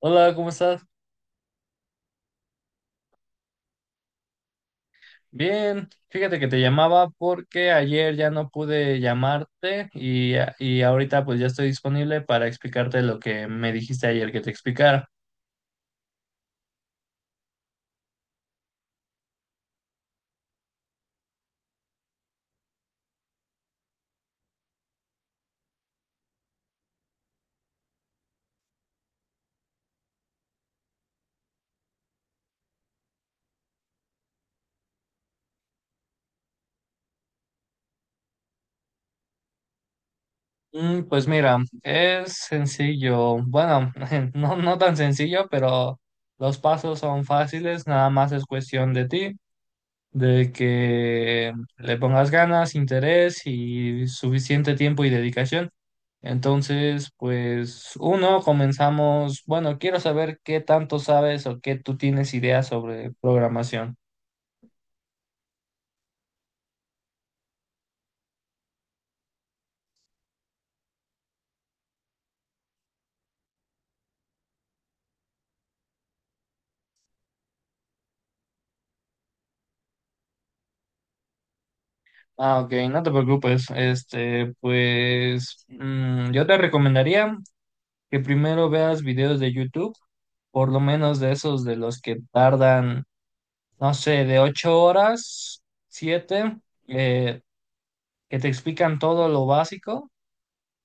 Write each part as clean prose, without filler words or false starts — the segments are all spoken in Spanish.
Hola, ¿cómo estás? Bien, fíjate que te llamaba porque ayer ya no pude llamarte y ahorita pues ya estoy disponible para explicarte lo que me dijiste ayer que te explicara. Pues mira, es sencillo, bueno, no, no tan sencillo, pero los pasos son fáciles, nada más es cuestión de ti, de que le pongas ganas, interés y suficiente tiempo y dedicación. Entonces, pues uno, comenzamos. Bueno, quiero saber qué tanto sabes o qué tú tienes ideas sobre programación. Ah, ok, no te preocupes. Este, pues yo te recomendaría que primero veas videos de YouTube, por lo menos de esos de los que tardan, no sé, de 8 horas, siete, eh, que te explican todo lo básico,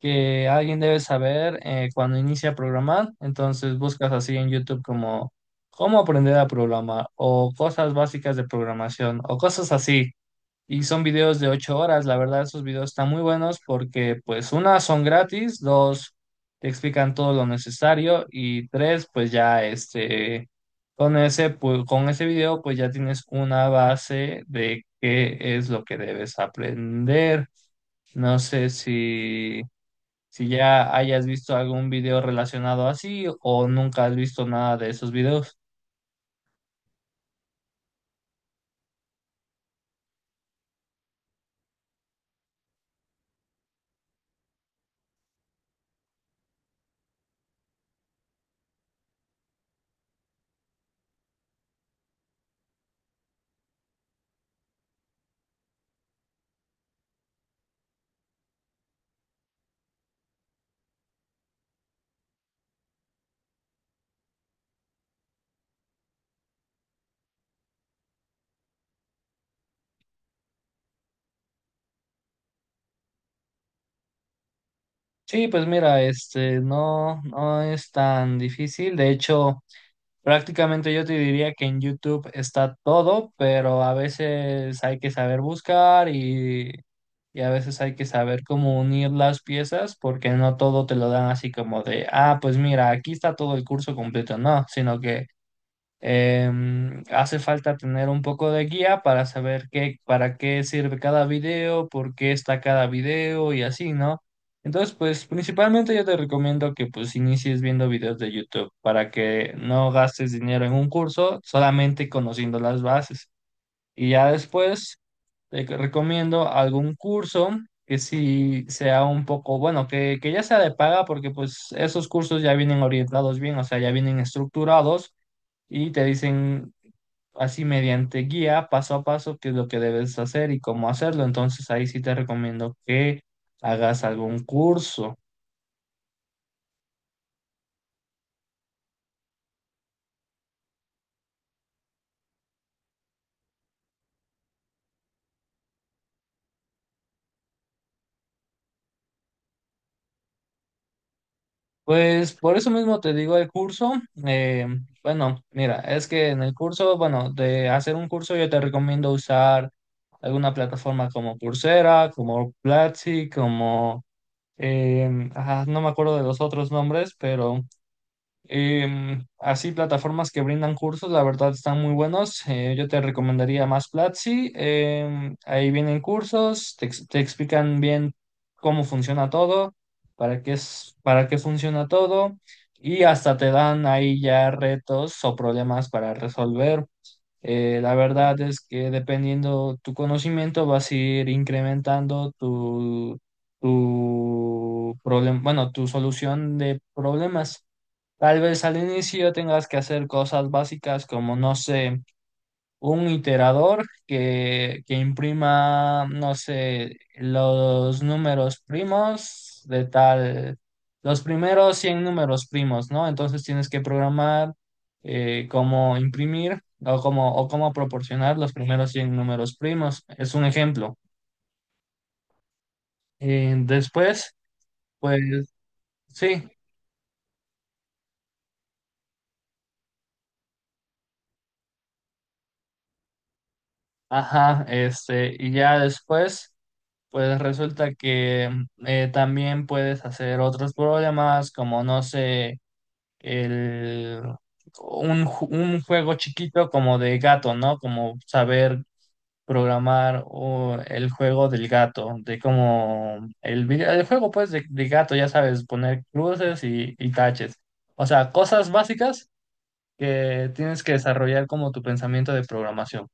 que alguien debe saber cuando inicia a programar. Entonces buscas así en YouTube como cómo aprender a programar o cosas básicas de programación o cosas así. Y son videos de 8 horas. La verdad, esos videos están muy buenos porque pues una, son gratis; dos, te explican todo lo necesario; y tres, pues ya este... Con ese, pues, con ese video, pues ya tienes una base de qué es lo que debes aprender. No sé si ya hayas visto algún video relacionado así o nunca has visto nada de esos videos. Sí, pues mira, este, no, no es tan difícil. De hecho, prácticamente yo te diría que en YouTube está todo, pero a veces hay que saber buscar y a veces hay que saber cómo unir las piezas porque no todo te lo dan así como de, ah, pues mira, aquí está todo el curso completo, no, sino que... Hace falta tener un poco de guía para saber qué, para qué sirve cada video, por qué está cada video y así, ¿no? Entonces, pues principalmente yo te recomiendo que pues inicies viendo videos de YouTube para que no gastes dinero en un curso, solamente conociendo las bases. Y ya después recomiendo algún curso que sí sea un poco, bueno, que ya sea de paga, porque pues esos cursos ya vienen orientados bien, o sea, ya vienen estructurados y te dicen así mediante guía, paso a paso, qué es lo que debes hacer y cómo hacerlo. Entonces ahí sí te recomiendo que hagas algún curso. Pues por eso mismo te digo el curso. eh, bueno, mira, es que en el curso, bueno, de hacer un curso yo te recomiendo usar alguna plataforma como Coursera, como Platzi, como, ajá, no me acuerdo de los otros nombres, pero... Así, plataformas que brindan cursos, la verdad están muy buenos. Yo te recomendaría más Platzi. Ahí vienen cursos, te explican bien cómo funciona todo, para qué es, para qué funciona todo, y hasta te dan ahí ya retos o problemas para resolver. La verdad es que dependiendo tu conocimiento vas a ir incrementando tu problema, bueno, tu solución de problemas. Tal vez al inicio tengas que hacer cosas básicas como, no sé, un iterador que imprima, no sé, los números primos de tal, los primeros 100 números primos, ¿no? Entonces tienes que programar cómo imprimir o cómo proporcionar los primeros 100 números primos. Es un ejemplo. Después, pues sí, ajá, este, y ya después... Pues resulta que también puedes hacer otros problemas como, no sé, el, un juego chiquito como de gato, ¿no? Como saber programar o el juego del gato, de como el juego pues de gato, ya sabes, poner cruces y taches. O sea, cosas básicas que tienes que desarrollar como tu pensamiento de programación.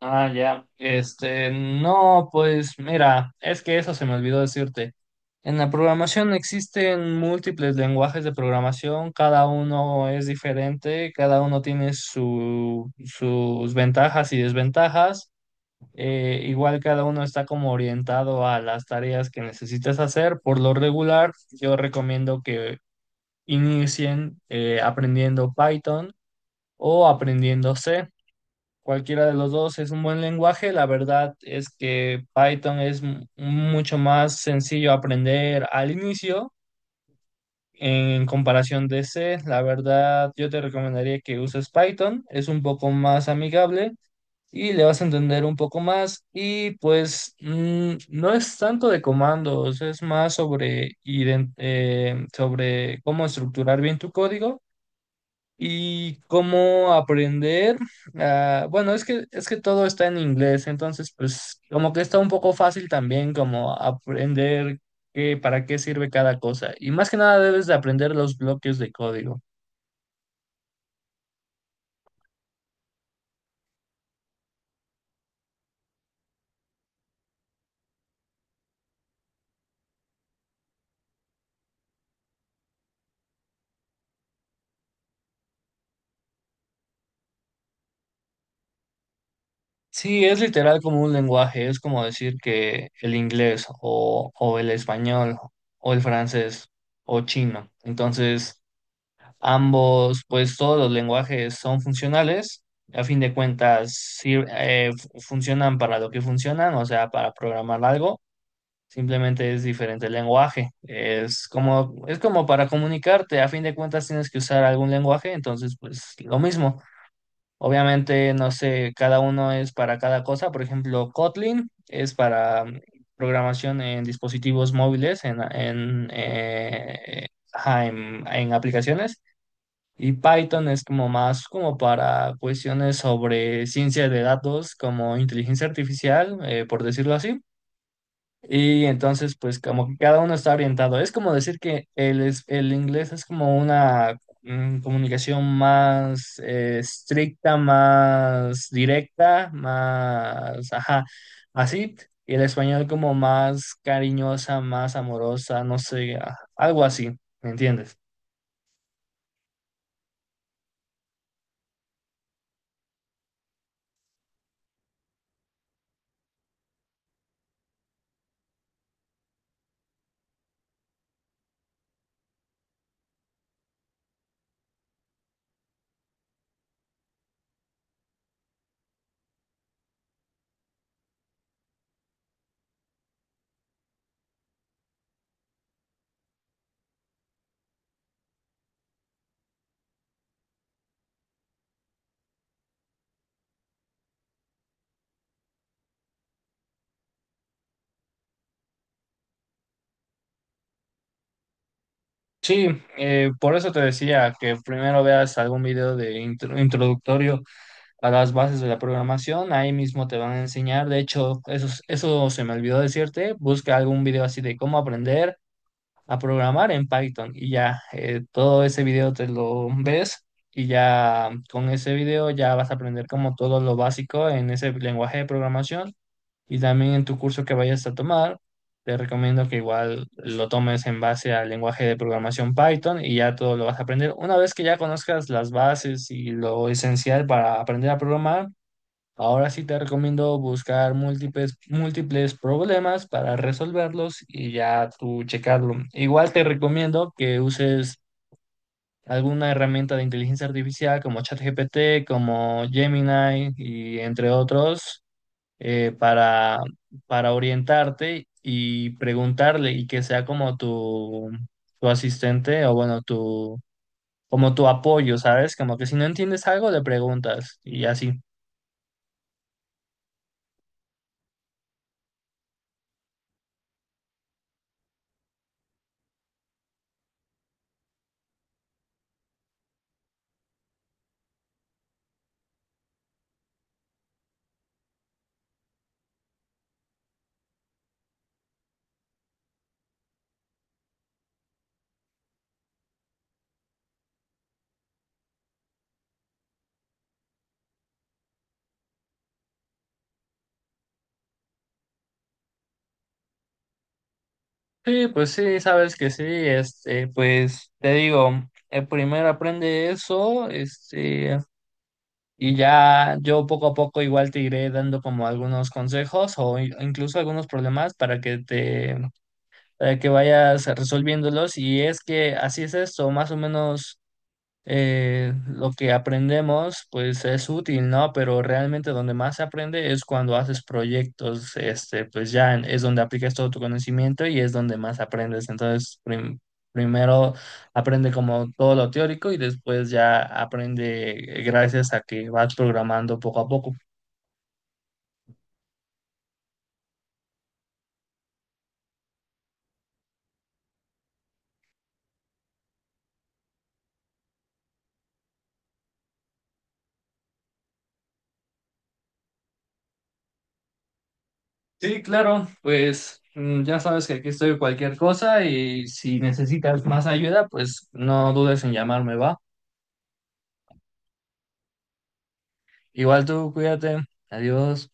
Ah, ya. Este, no, pues mira, es que eso se me olvidó decirte. En la programación existen múltiples lenguajes de programación, cada uno es diferente, cada uno tiene sus ventajas y desventajas. Igual cada uno está como orientado a las tareas que necesitas hacer. Por lo regular, yo recomiendo que inicien aprendiendo Python o aprendiendo C. Cualquiera de los dos es un buen lenguaje. La verdad es que Python es mucho más sencillo aprender al inicio en comparación de C. La verdad, yo te recomendaría que uses Python. Es un poco más amigable y le vas a entender un poco más. Y pues no es tanto de comandos, es más sobre cómo estructurar bien tu código y cómo aprender. Ah, bueno, es que todo está en inglés, entonces pues como que está un poco fácil también como aprender qué, para qué sirve cada cosa. Y más que nada debes de aprender los bloques de código. Sí, es literal como un lenguaje, es como decir que el inglés o el español o el francés o chino. Entonces, ambos, pues todos los lenguajes son funcionales. A fin de cuentas, funcionan para lo que funcionan, o sea, para programar algo. Simplemente es diferente el lenguaje. Es como para comunicarte. A fin de cuentas, tienes que usar algún lenguaje, entonces, pues lo mismo. Obviamente, no sé, cada uno es para cada cosa. Por ejemplo, Kotlin es para programación en dispositivos móviles, ajá, en aplicaciones. Y Python es como más como para cuestiones sobre ciencia de datos, como inteligencia artificial, por decirlo así. Y entonces, pues como que cada uno está orientado. Es como decir que el, el inglés es como una comunicación más estricta, más directa, más, ajá, así. Y el español como más cariñosa, más amorosa, no sé, ah, algo así, ¿me entiendes? Sí, por eso te decía que primero veas algún video de introductorio a las bases de la programación, ahí mismo te van a enseñar, de hecho, eso se me olvidó decirte, busca algún video así de cómo aprender a programar en Python y ya, todo ese video te lo ves y ya con ese video ya vas a aprender como todo lo básico en ese lenguaje de programación, y también en tu curso que vayas a tomar, te recomiendo que igual lo tomes en base al lenguaje de programación Python y ya todo lo vas a aprender. Una vez que ya conozcas las bases y lo esencial para aprender a programar, ahora sí te recomiendo buscar múltiples, múltiples problemas para resolverlos y ya tú checarlo. Igual te recomiendo que uses alguna herramienta de inteligencia artificial como ChatGPT, como Gemini y entre otros eh, para, para orientarte y preguntarle y que sea como tu asistente o bueno, como tu apoyo, ¿sabes? Como que si no entiendes algo, le preguntas y así. Sí, pues sí, sabes que sí, este, pues te digo, primero aprende eso, este, y ya yo poco a poco igual te iré dando como algunos consejos o incluso algunos problemas para que vayas resolviéndolos. Y es que así es esto, más o menos lo que aprendemos, pues es útil, ¿no? Pero realmente donde más se aprende es cuando haces proyectos, este, pues ya es donde aplicas todo tu conocimiento y es donde más aprendes. Entonces, primero aprende como todo lo teórico y después ya aprende gracias a que vas programando poco a poco. Sí, claro, pues ya sabes que aquí estoy cualquier cosa y si necesitas más ayuda, pues no dudes en llamarme, ¿va? Igual tú, cuídate. Adiós.